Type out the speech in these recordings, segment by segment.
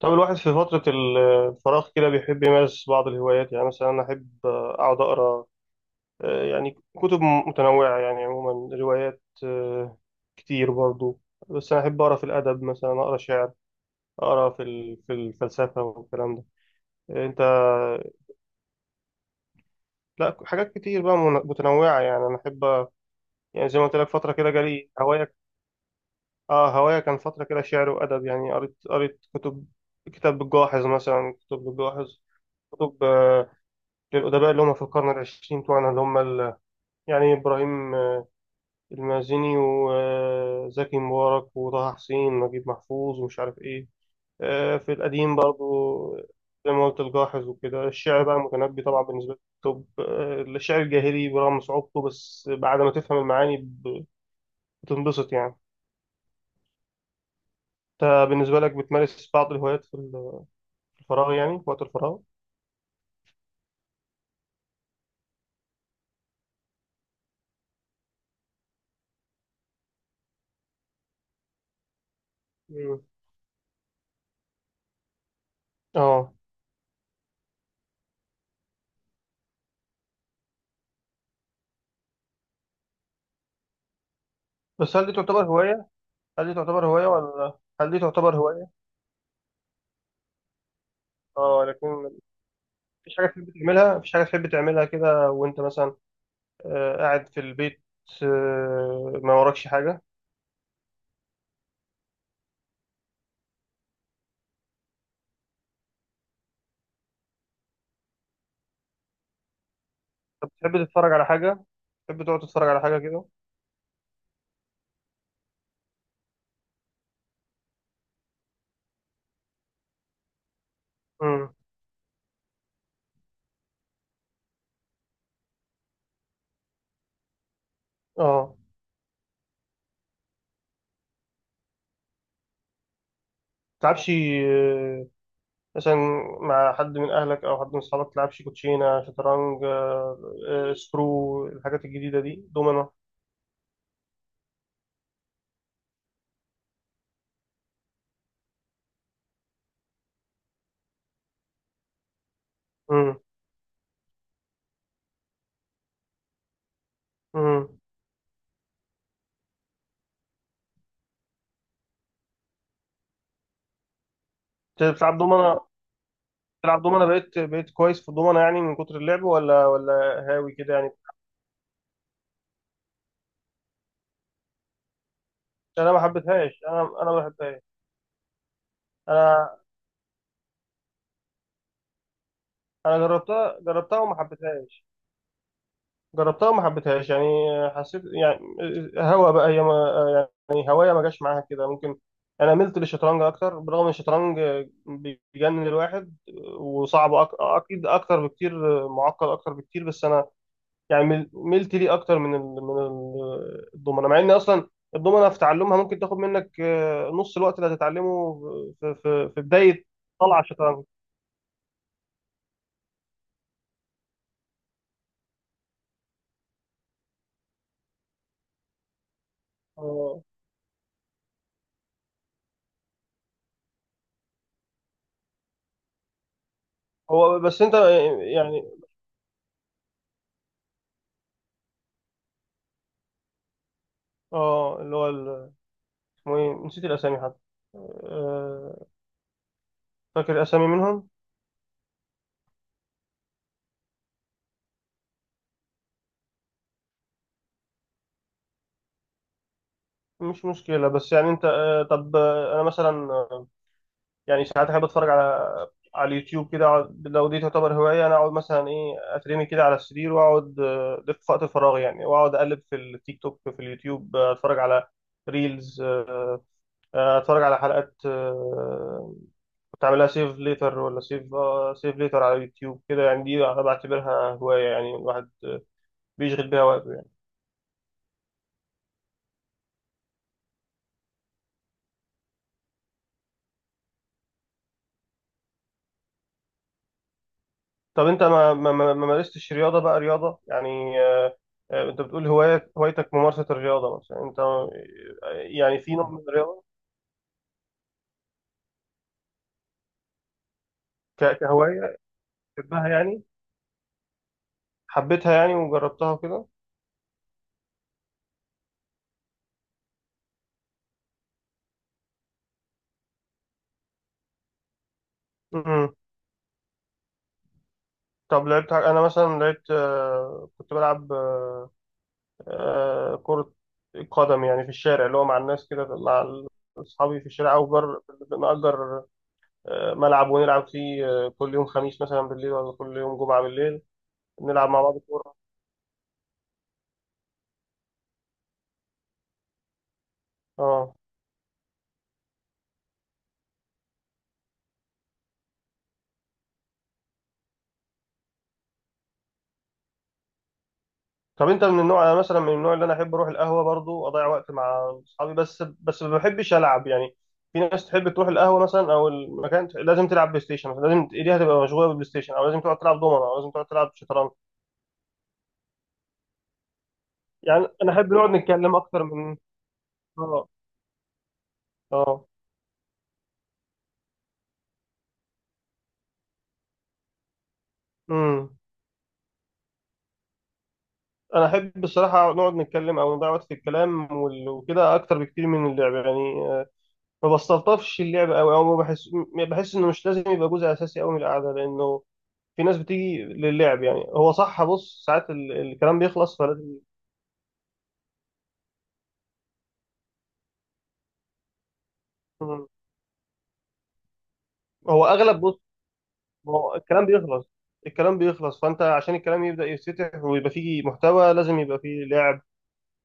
طب الواحد في فترة الفراغ كده بيحب يمارس بعض الهوايات، يعني مثلا أنا أحب أقعد أقرأ يعني كتب متنوعة، يعني عموما روايات كتير برضو. بس أنا أحب أقرأ في الأدب، مثلا أقرأ شعر، أقرأ في الفلسفة والكلام ده. أنت؟ لا، حاجات كتير بقى، متنوعة، يعني أنا أحب، يعني زي ما قلت لك فترة كده جالي هوايا. هوايا كان فترة كده شعر وأدب، يعني قريت كتب. كتاب الجاحظ مثلا، كتب الجاحظ، كتب للأدباء اللي هم في القرن العشرين بتوعنا، اللي هم يعني إبراهيم المازني، وزكي مبارك، وطه حسين، ونجيب محفوظ، ومش عارف إيه. في القديم برضو زي ما قلت، الجاحظ وكده. الشعر بقى، المتنبي طبعا بالنسبة لي. طب الشعر الجاهلي، برغم صعوبته، بس بعد ما تفهم المعاني بتنبسط يعني. أنت بالنسبة لك بتمارس بعض الهوايات في الفراغ، يعني في وقت الفراغ؟ مم. اه. بس هل دي تعتبر هواية؟ هل دي تعتبر هواية ولا هل دي تعتبر هواية؟ اه لكن. مفيش حاجة تحب تعملها كده وأنت مثلا قاعد في البيت، ما وراكش حاجة؟ طب تحب تقعد تتفرج على حاجة كده؟ امم. اه. تلعبش مثلا مع حد من أهلك أو حد من أصحابك؟ تلعبش كوتشينة، شطرنج، سكرو، الحاجات الجديدة دي، دومنة؟ امم. امم. بتلعب دومنة؟ بقيت كويس في الدومنة، يعني من كتر اللعب، ولا ولا هاوي كده يعني؟ أنا ما حبيتهاش. أنا ما بحبهاش. أنا جربتها وما حبيتهاش. جربتها وما حبيتهاش يعني. حسيت يعني، هوا بقى هي، ما يعني، هوايه ما جاش معاها كده ممكن. انا ملت للشطرنج اكتر، برغم ان الشطرنج بيجنن الواحد وصعب، اكيد اكتر بكتير، معقد اكتر بكتير، بس انا يعني ملت ليه اكتر الضمنه، مع ان اصلا الضمنه في تعلمها ممكن تاخد منك نص الوقت اللي هتتعلمه في بدايه طلعه الشطرنج. آه، هو بس انت يعني. اه اللي هو اسمه ايه، نسيت الاسامي حتى. آه، فاكر اسامي منهم. مش مشكله، بس يعني انت طب انا مثلا يعني ساعات احب اتفرج على اليوتيوب كده. لو دي تعتبر هوايه، انا اقعد مثلا، ايه، اترمي كده على السرير واقعد، ده في وقت فراغي يعني، واقعد اقلب في التيك توك، في اليوتيوب، اتفرج على ريلز، اتفرج على حلقات كنت عاملها سيف ليتر، ولا سيف ليتر على اليوتيوب كده يعني. دي انا بعتبرها هوايه، يعني الواحد بيشغل بيها وقته يعني. طب انت ما مارستش رياضه بقى، رياضه يعني انت بتقول هوايه، هوايتك ممارسه الرياضه مثلا. انت يعني في نوع من الرياضه؟ كهوايه بتحبها يعني، حبيتها يعني وجربتها وكده؟ مم. طب لعبت انا مثلا لعبت كنت بلعب كرة قدم يعني في الشارع، اللي هو مع الناس كده مع أصحابي في الشارع، أو نأجر ملعب ونلعب فيه كل يوم خميس مثلا بالليل، ولا كل يوم جمعة بالليل، نلعب مع بعض. اه. طب انت من النوع، انا مثلا من النوع اللي انا احب اروح القهوه برضو، اضيع وقت مع اصحابي، بس ما بحبش العب يعني. في ناس تحب تروح القهوه مثلا، او المكان، لازم تلعب بلاي ستيشن مثلا، لازم ايديها تبقى مشغوله بالبلاي ستيشن، او لازم تقعد تلعب دومنه، او لازم تقعد تلعب شطرنج. يعني انا احب نقعد نتكلم اكتر من. اه. اه. امم. انا احب الصراحه نقعد نتكلم او نضيع وقت في الكلام وكده، اكتر بكتير من اللعب يعني ما بستلطفش اللعب قوي، او ما بحس، بحس انه مش لازم يبقى جزء اساسي قوي من القعده، لانه في ناس بتيجي للعب. يعني هو صح، بص، ساعات الكلام بيخلص فلازم. هو اغلب، بص، هو الكلام بيخلص فانت عشان الكلام يبدا يتفتح ويبقى فيه محتوى، لازم يبقى فيه لعب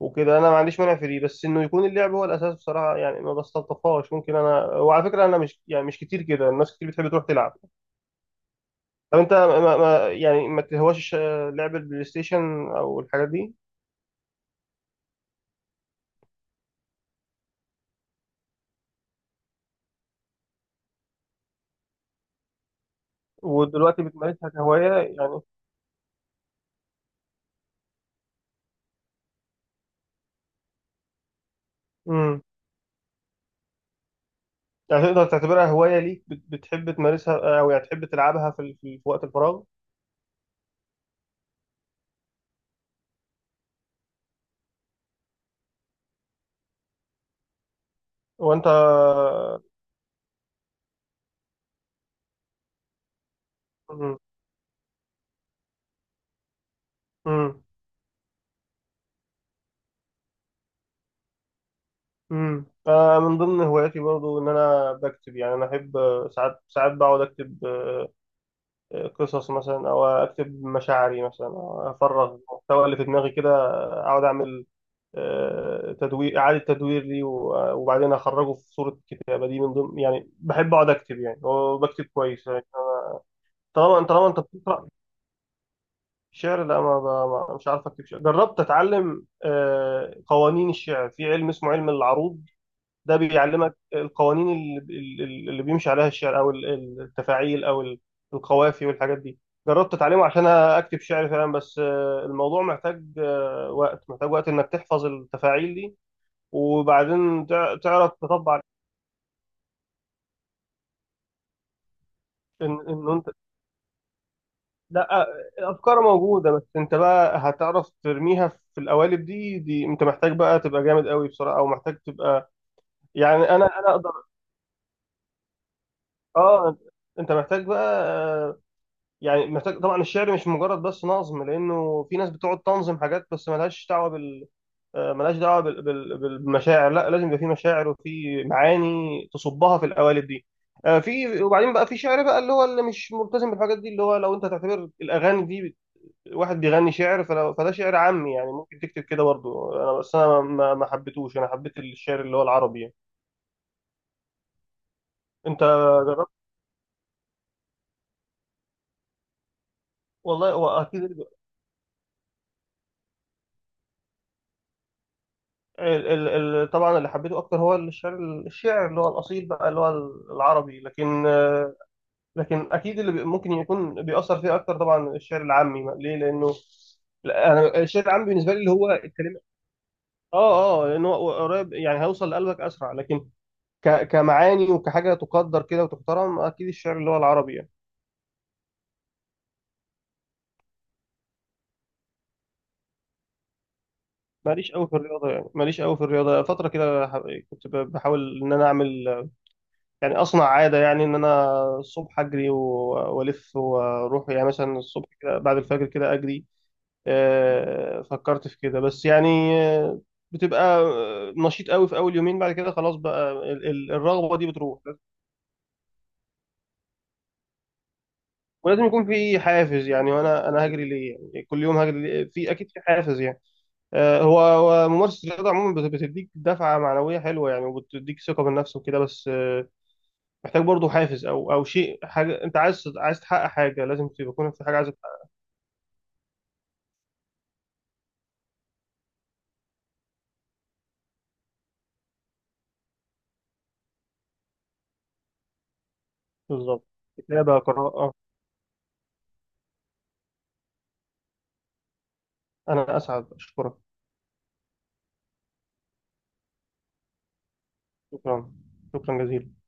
وكده. انا ما عنديش مانع في دي، بس انه يكون اللعب هو الاساس بصراحه، يعني ما بستلطفهاش. ممكن انا، وعلى فكره انا مش، يعني مش كتير كده، الناس كتير بتحب تروح تلعب. طب انت ما ما يعني ما تهواش لعب البلاي ستيشن او الحاجات دي؟ ودلوقتي بتمارسها كهوايه يعني؟ مم. يعني تقدر تعتبرها هواية ليك، بتحب تمارسها أو يعني تحب تلعبها في وقت الفراغ؟ وأنت؟ مم. مم. مم. أنا من ضمن هواياتي برضو إن أنا بكتب، يعني أنا أحب ساعات بقعد أكتب قصص مثلا، أو أكتب مشاعري مثلا، أو أفرغ المحتوى اللي في دماغي كده، أقعد أعمل تدوير، إعادة تدوير لي، وبعدين أخرجه في صورة كتابة. دي من ضمن يعني، بحب أقعد أكتب يعني، وبكتب كويس يعني. طالما أنت بتقرأ. شعر؟ لا، مش عارف اكتب شعر. جربت اتعلم قوانين الشعر في علم اسمه علم العروض. ده بيعلمك القوانين اللي بيمشي عليها الشعر، او التفاعيل، او القوافي والحاجات دي. جربت اتعلمه عشان اكتب شعر فعلا، بس الموضوع محتاج وقت، محتاج وقت انك تحفظ التفاعيل دي، وبعدين تعرف تطبع. إن لا، الافكار موجوده، بس انت بقى هتعرف ترميها في القوالب دي. انت محتاج بقى تبقى جامد قوي بصراحه، او محتاج تبقى، يعني انا اقدر. اه. انت محتاج بقى يعني محتاج، طبعا الشعر مش مجرد بس نظم، لانه في ناس بتقعد تنظم حاجات بس ملهاش دعوه بالمشاعر. لا، لازم يبقى في مشاعر وفي معاني تصبها في القوالب دي في، وبعدين بقى في شعر بقى اللي هو اللي مش ملتزم بالحاجات دي، اللي هو لو انت تعتبر الاغاني دي واحد بيغني شعر، فده شعر عامي يعني، ممكن تكتب كده برضه انا. بس انا ما حبيتهوش. انا حبيت الشعر اللي هو العربي يعني. انت جربت؟ والله هو اكيد طبعا اللي حبيته اكتر هو الشعر، الشعر اللي هو الاصيل بقى، اللي هو العربي. لكن اكيد اللي ممكن يكون بيأثر فيه اكتر طبعا الشعر العامي، ليه؟ لانه، لا، انا الشعر العام بالنسبه لي اللي هو الكلمه. اه. اه. لانه هو قريب يعني، هيوصل لقلبك اسرع، لكن كمعاني وكحاجه تقدر كده، وتحترم اكيد الشعر اللي هو العربي يعني. ماليش قوي في الرياضه. فتره كده كنت بحاول ان انا اعمل، يعني اصنع عاده، يعني ان انا الصبح اجري والف واروح، يعني مثلا الصبح كده بعد الفجر كده اجري. فكرت في كده، بس يعني آه، بتبقى نشيط قوي في اول يومين، بعد كده خلاص بقى الرغبه دي بتروح. ولازم يكون في حافز يعني، وانا، هجري ليه يعني؟ كل يوم هجري ليه؟ في اكيد في حافز يعني. هو ممارسة الرياضة عموما بتديك دفعة معنوية حلوة يعني، وبتديك ثقة بالنفس وكده. بس محتاج برضو حافز، أو شيء، حاجة أنت عايز، تحقق حاجة، لازم تكون في حاجة عايز تحققها. بالظبط. كتابة، قراءة. أنا أسعد، أشكرك. شكرا، شكرا جزيلا.